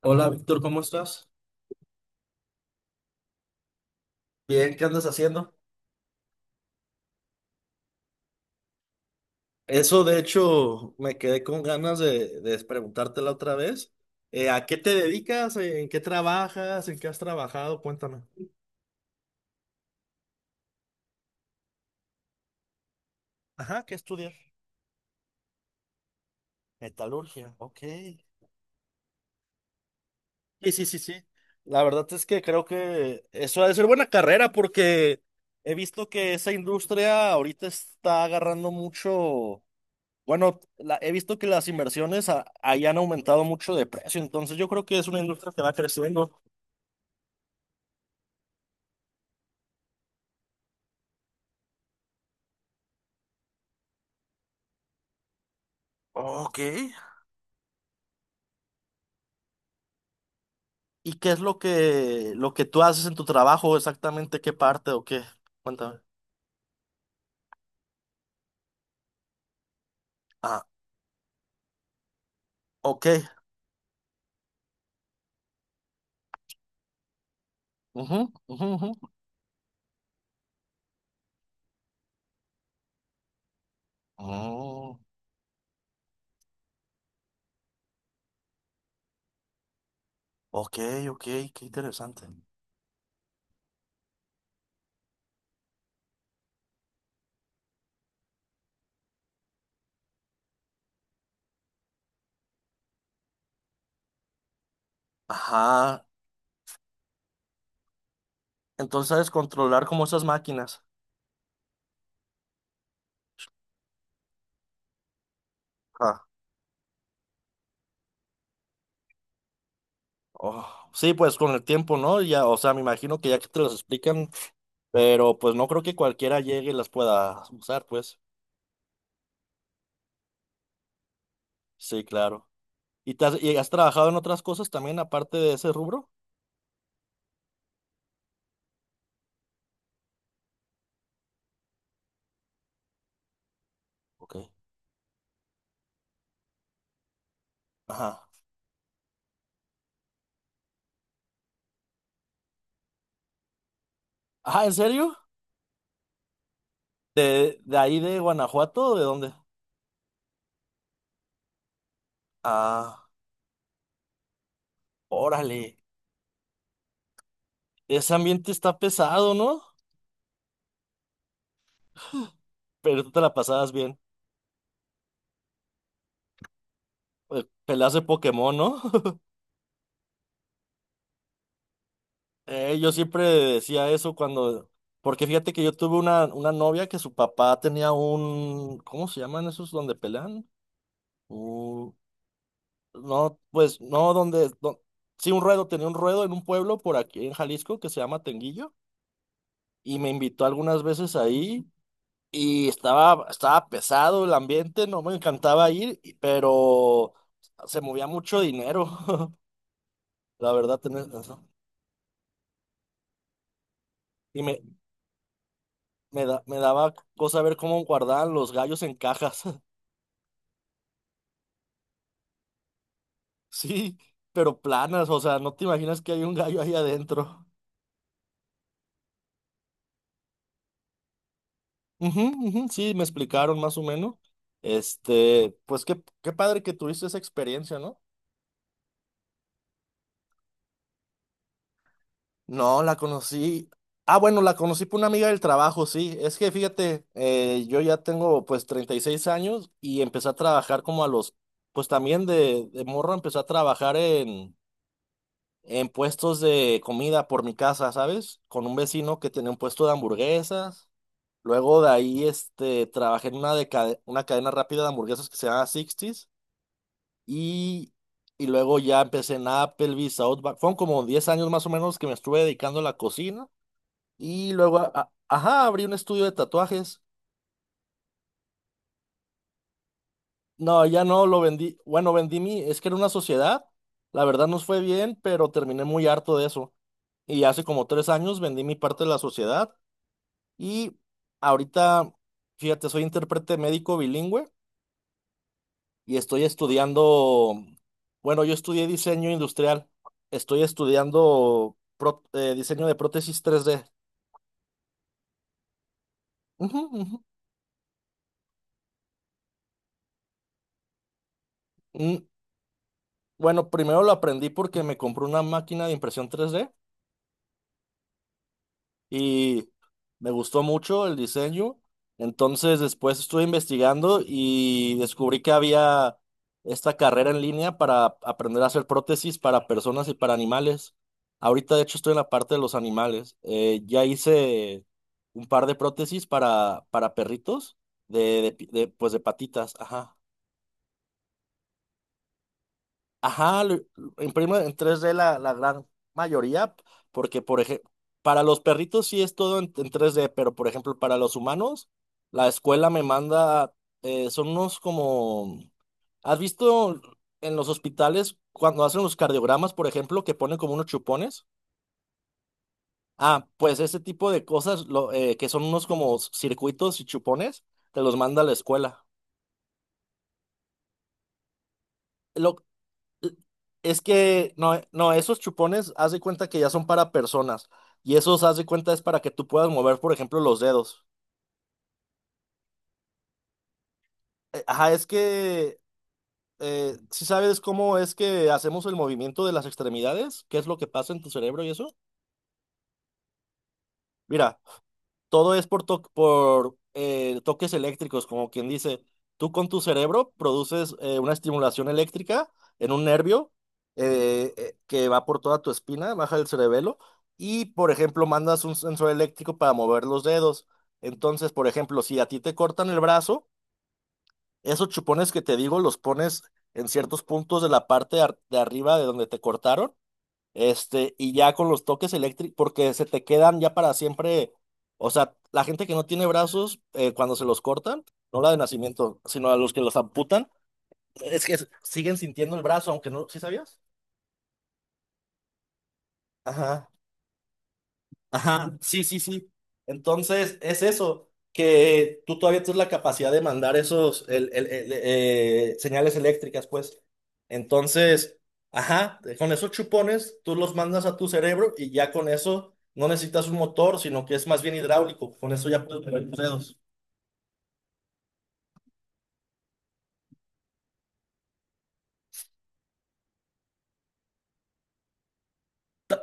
Hola Víctor, ¿cómo estás? Bien, ¿qué andas haciendo? Eso, de hecho, me quedé con ganas de preguntártela otra vez. ¿A qué te dedicas? ¿En qué trabajas? ¿En qué has trabajado? Cuéntame. Ajá, ¿qué estudias? Metalurgia, ok. Sí, sí, sí, sí. La verdad es que creo que eso ha de ser buena carrera porque he visto que esa industria ahorita está agarrando mucho. Bueno, he visto que las inversiones ahí han aumentado mucho de precio, entonces yo creo que es una industria que va creciendo. Ok. ¿Y qué es lo que tú haces en tu trabajo exactamente? ¿Qué parte o qué? Cuéntame. Ah, ok. Ujú, ujú, ujú. Mm, ok, ok, qué interesante. Ajá. Entonces sabes controlar como esas máquinas. Ah, oh, sí, pues con el tiempo, ¿no? Ya, o sea, me imagino que ya que te las explican, pero pues no creo que cualquiera llegue y las pueda usar, pues. Sí, claro. ¿Y, te has, y has trabajado en otras cosas también aparte de ese rubro? Ok. Ajá. Ah, ¿en serio? De ahí de Guanajuato o de dónde? Ah, órale. Ese ambiente está pesado, ¿no? Pero tú te la pasabas bien. Pues, peleas de Pokémon, ¿no? Yo siempre decía eso cuando... Porque fíjate que yo tuve una novia que su papá tenía un... ¿Cómo se llaman esos donde pelean? No, pues no, donde, sí, un ruedo, tenía un ruedo en un pueblo por aquí en Jalisco que se llama Tenguillo y me invitó algunas veces ahí y estaba pesado el ambiente, no me encantaba ir, y- pero se movía mucho dinero, la verdad, tenés razón. Y me daba cosa ver cómo guardaban los gallos en cajas, sí, pero planas, o sea, no te imaginas que hay un gallo ahí adentro. Ujú, ujú, sí, me explicaron más o menos. Este, pues qué padre que tuviste esa experiencia, ¿no? No, la conocí. Ah, bueno, la conocí por una amiga del trabajo, sí. Es que fíjate, yo ya tengo pues 36 años y empecé a trabajar como a los, pues también de morro empecé a trabajar en puestos de comida por mi casa, ¿sabes? Con un vecino que tenía un puesto de hamburguesas. Luego de ahí, este, trabajé en una, una cadena rápida de hamburguesas que se llama Sixties. Y, y luego ya empecé en Applebee's, Outback. Fueron como 10 años más o menos que me estuve dedicando a la cocina. Y luego, ajá, abrí un estudio de tatuajes. No, ya no lo vendí. Bueno, vendí mi, es que era una sociedad. La verdad nos fue bien, pero terminé muy harto de eso. Y hace como 3 años vendí mi parte de la sociedad. Y ahorita, fíjate, soy intérprete médico bilingüe. Y estoy estudiando, bueno, yo estudié diseño industrial, estoy estudiando diseño de prótesis 3D. Ujú, ujú. Mm, bueno, primero lo aprendí porque me compré una máquina de impresión 3D y me gustó mucho el diseño. Entonces después estuve investigando y descubrí que había esta carrera en línea para aprender a hacer prótesis para personas y para animales. Ahorita de hecho estoy en la parte de los animales. Ya hice un par de prótesis para perritos de, de, pues de patitas. Ajá. Ajá, lo imprime en 3D la gran mayoría, porque por ejemplo, para los perritos sí es todo en tres d, pero por ejemplo, para los humanos, la escuela me manda, son unos como, ¿has visto en los hospitales cuando hacen los cardiogramas, por ejemplo, que ponen como unos chupones? Ah, pues ese tipo de cosas, lo, que son unos como circuitos y chupones, te los manda la escuela. Lo eh, Es que no, no, esos chupones haz de cuenta que ya son para personas y esos haz de cuenta es para que tú puedas mover, por ejemplo, los dedos. Ajá, es que si sabes cómo es que hacemos el movimiento de las extremidades, qué es lo que pasa en tu cerebro y eso. Mira, todo es por, toques eléctricos, como quien dice, tú con tu cerebro produces una estimulación eléctrica en un nervio que va por toda tu espina, baja el cerebelo, y por ejemplo mandas un sensor eléctrico para mover los dedos. Entonces, por ejemplo, si a ti te cortan el brazo, esos chupones que te digo los pones en ciertos puntos de la parte de arriba de donde te cortaron, este, y ya con los toques eléctricos, porque se te quedan ya para siempre. O sea, la gente que no tiene brazos, cuando se los cortan, no la de nacimiento, sino a los que los amputan, es que siguen sintiendo el brazo, aunque no, ¿sí sabías? Ajá. Ajá, sí, sí, sí. Entonces, es eso, que tú todavía tienes la capacidad de mandar esos señales eléctricas, pues. Entonces, ajá, con esos chupones tú los mandas a tu cerebro y ya con eso no necesitas un motor, sino que es más bien hidráulico. Con eso ya puedes mover tus dedos.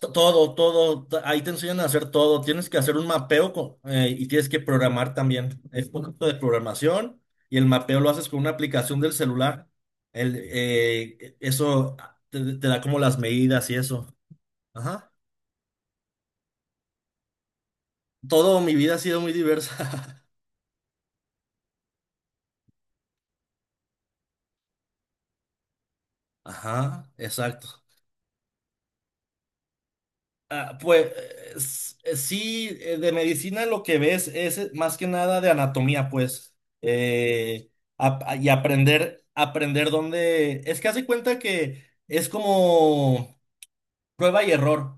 Todo, todo, ahí te enseñan a hacer todo. Tienes que hacer un mapeo y tienes que programar también. Es un poquito de programación y el mapeo lo haces con una aplicación del celular. El, eso te da como las medidas y eso. Ajá. Todo mi vida ha sido muy diversa. Ajá, exacto. Ah, pues sí, de medicina lo que ves es más que nada de anatomía, pues, eh, y aprender dónde, es que hace cuenta que es como prueba y error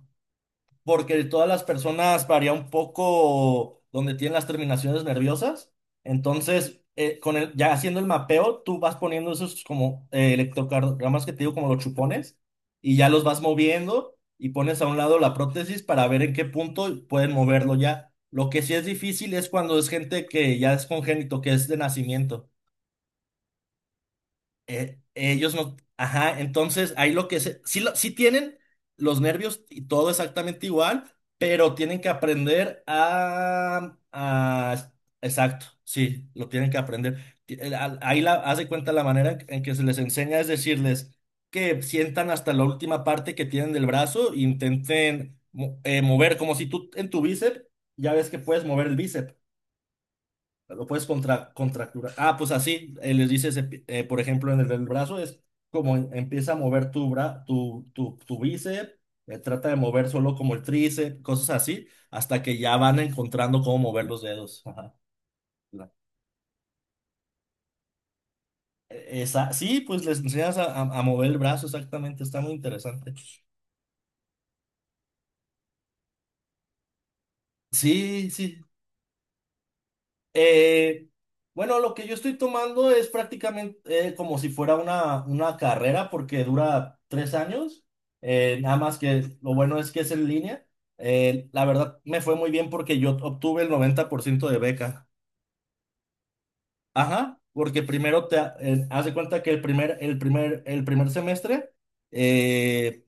porque todas las personas varía un poco donde tienen las terminaciones nerviosas. Entonces, con el, ya haciendo el mapeo, tú vas poniendo esos como electrocardiogramas que te digo, como los chupones, y ya los vas moviendo y pones a un lado la prótesis para ver en qué punto pueden moverlo ya. Lo que sí es difícil es cuando es gente que ya es congénito, que es de nacimiento. Ellos no. Ajá, entonces ahí lo que se. Sí, sí tienen los nervios y todo exactamente igual, pero tienen que aprender a exacto, sí, lo tienen que aprender. Ahí la, haz de cuenta, la manera en que se les enseña es decirles que sientan hasta la última parte que tienen del brazo e intenten mover, como si tú en tu bíceps, ya ves que puedes mover el bíceps. Lo puedes contracturar. Ah, pues así, les dices, por ejemplo, en el, del brazo es como empieza a mover tu, tu bíceps, trata de mover solo como el tríceps, cosas así, hasta que ya van encontrando cómo mover los dedos. Ajá. La- Esa, sí, pues les enseñas a mover el brazo, exactamente, está muy interesante. Sí, sí. Eh, bueno, lo que yo estoy tomando es prácticamente como si fuera una carrera porque dura 3 años. Nada más que lo bueno es que es en línea. La verdad me fue muy bien porque yo obtuve el 90% de beca. Ajá, porque primero te hace cuenta que el primer semestre eh,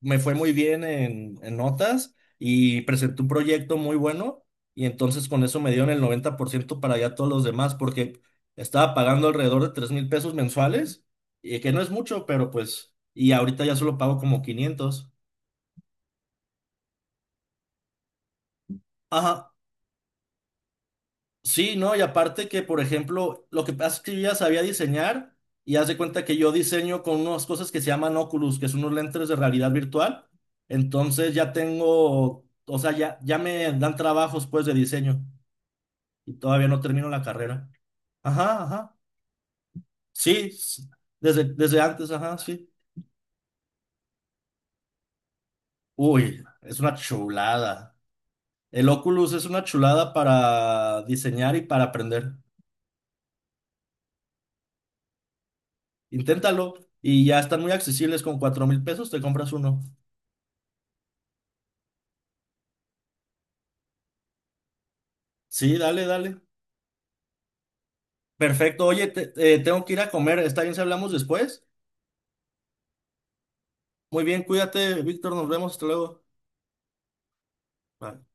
me fue muy bien en notas y presenté un proyecto muy bueno y entonces con eso me dieron el 90% para allá todos los demás porque estaba pagando alrededor de 3,000 pesos mensuales, y que no es mucho, pero pues, y ahorita ya solo pago como 500. Ajá, sí, ¿no? Y aparte que, por ejemplo, lo que pasa es que yo ya sabía diseñar y haz de cuenta que yo diseño con unas cosas que se llaman Oculus, que son unos lentes de realidad virtual. Entonces ya tengo, o sea, ya, ya me dan trabajos pues de diseño. Y todavía no termino la carrera. Ajá, ajá. Sí, desde antes, ajá, sí. Uy, es una chulada. El Oculus es una chulada para diseñar y para aprender. Inténtalo y ya están muy accesibles. Con 4,000 pesos te compras uno. Sí, dale, dale. Perfecto. Oye, tengo que ir a comer. ¿Está bien si hablamos después? Muy bien, cuídate, Víctor. Nos vemos. Hasta luego. Bye.